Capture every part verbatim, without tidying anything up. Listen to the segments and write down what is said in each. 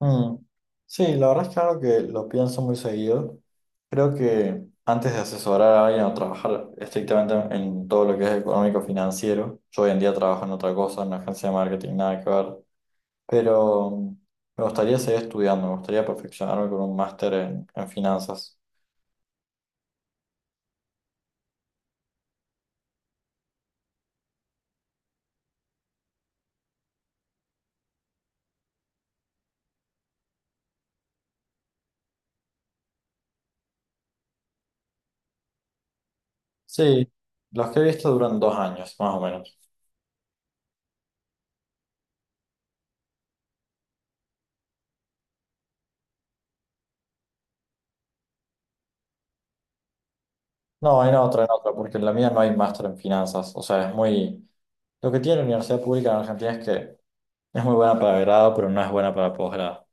Mm. Sí, la verdad es que algo que lo pienso muy seguido. Creo que antes de asesorar a alguien o trabajar estrictamente en todo lo que es económico financiero, yo hoy en día trabajo en otra cosa, en una agencia de marketing, nada que ver, pero mm, me gustaría seguir estudiando, me gustaría perfeccionarme con un máster en, en finanzas. Sí, los que he visto duran dos años, más o menos. No, en otra, en otra, porque en la mía no hay máster en finanzas, o sea, es muy... Lo que tiene la universidad pública en Argentina es que es muy buena para grado, pero no es buena para posgrado.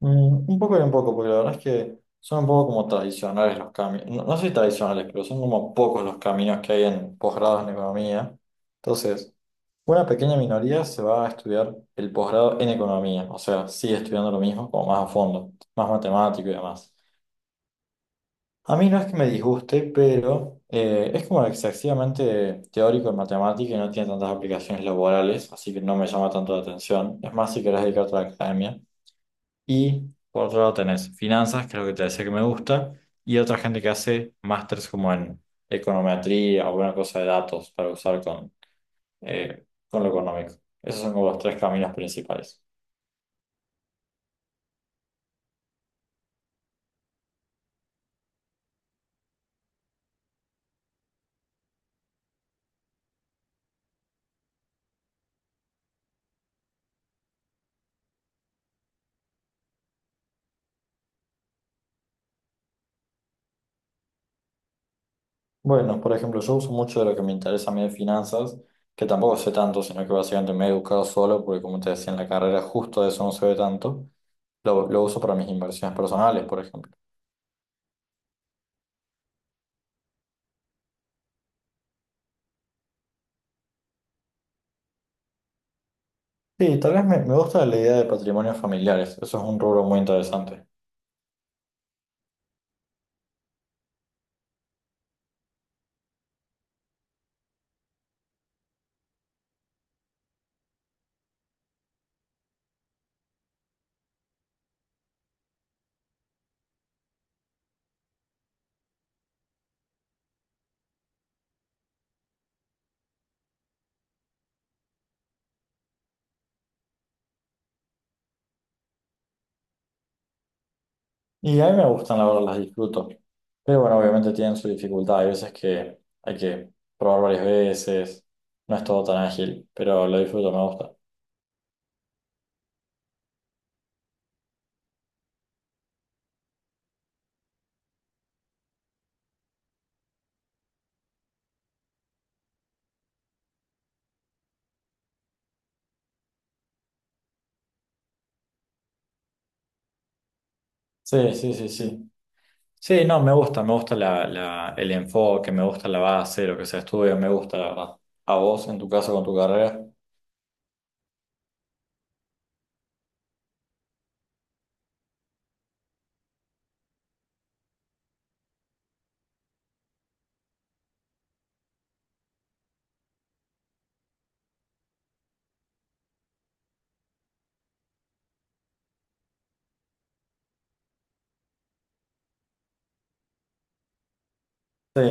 Mm, un poco y un poco, porque la verdad es que son un poco como tradicionales los caminos. No, no sé si tradicionales, pero son como pocos los caminos que hay en posgrados en economía. Entonces, una pequeña minoría se va a estudiar el posgrado en economía. O sea, sigue estudiando lo mismo, como más a fondo, más matemático y demás. A mí no es que me disguste, pero eh, es como excesivamente teórico en matemática y no tiene tantas aplicaciones laborales, así que no me llama tanto la atención. Es más, si querés dedicarte a la academia. Y por otro lado tenés finanzas, que es lo que te decía que me gusta, y otra gente que hace másters como en econometría o alguna cosa de datos para usar con, eh, con lo económico. Esos son como los tres caminos principales. Bueno, por ejemplo, yo uso mucho de lo que me interesa a mí de finanzas, que tampoco sé tanto, sino que básicamente me he educado solo, porque como te decía en la carrera, justo de eso no se ve tanto. Lo, lo uso para mis inversiones personales, por ejemplo. Sí, tal vez me, me gusta la idea de patrimonios familiares. Eso es un rubro muy interesante. Y a mí me gustan, la verdad, las disfruto. Pero bueno, obviamente tienen su dificultad. Hay veces que hay que probar varias veces. No es todo tan ágil, pero lo disfruto, me gusta. Sí, sí, sí, sí. Sí, no, me gusta, me gusta la, la- el enfoque, me gusta la base, lo que se estudia, me gusta, la verdad. ¿A vos, en tu caso, con tu carrera? Sí,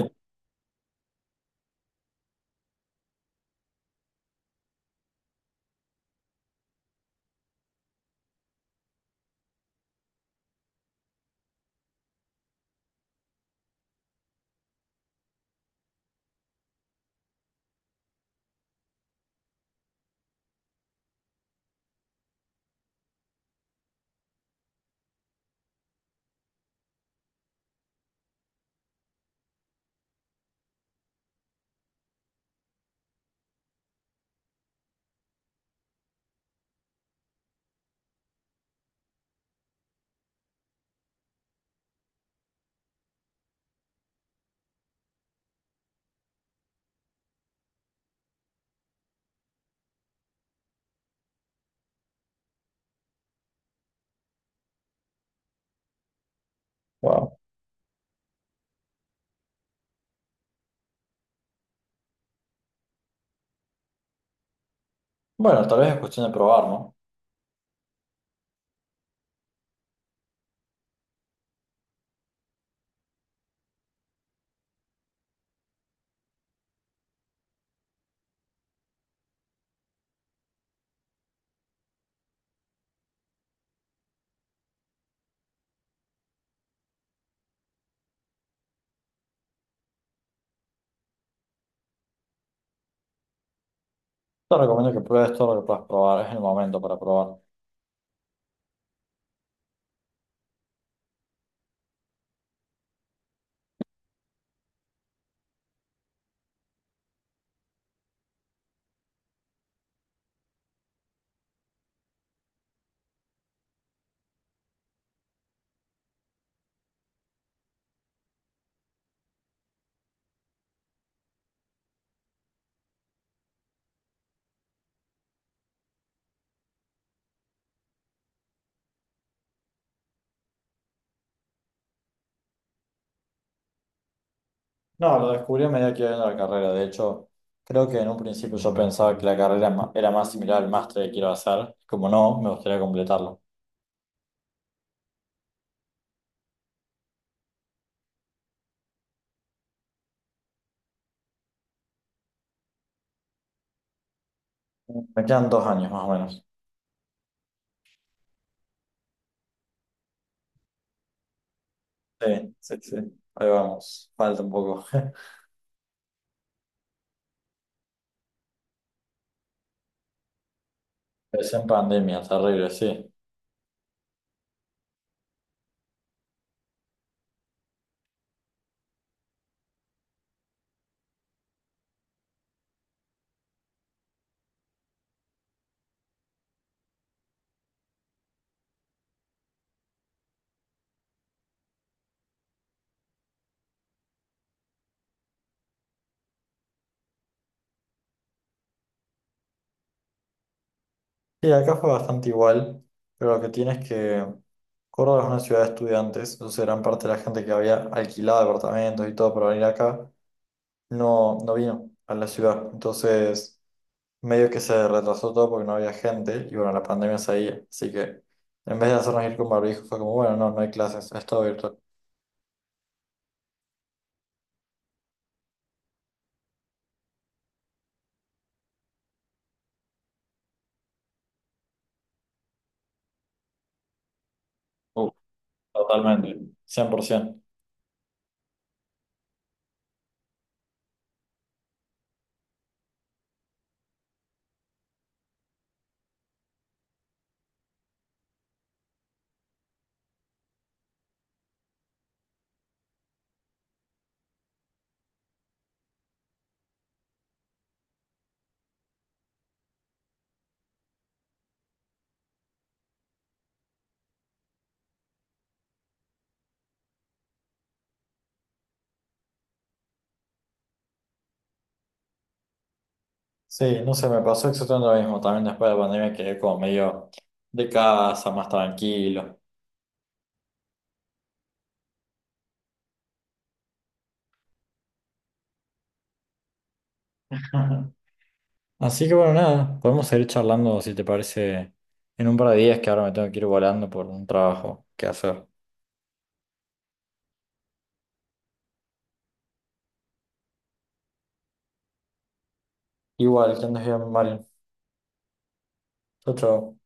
wow. Bueno, tal vez es cuestión de probar, ¿no? Te recomiendo que pruebes todo lo que puedas probar, es el momento para probar. No, lo descubrí a medida que iba viendo la carrera. De hecho, creo que en un principio yo pensaba que la carrera ma- era más similar al máster que quiero hacer. Como no, me gustaría completarlo. Me quedan dos años más o menos. Sí, sí, sí. Ahí vamos. Falta un poco. Es en pandemia, terrible, sí. Sí, acá fue bastante igual, pero lo que tiene es que Córdoba es una ciudad de estudiantes, entonces gran parte de la gente que había alquilado departamentos y todo para venir acá no, no vino a la ciudad. Entonces, medio que se retrasó todo porque no había gente y bueno, la pandemia seguía. Así que en vez de hacernos ir con barbijo, fue como, bueno, no, no hay clases, es todo virtual. Uh, Totalmente, cien por ciento. Sí, no sé, me pasó exactamente lo mismo. También después de la pandemia quedé como medio de casa, más tranquilo. Así que bueno, nada, podemos seguir charlando si te parece en un par de días, que ahora me tengo que ir volando por un trabajo que hacer. Igual, que andes bien, Mario. Chau, chau.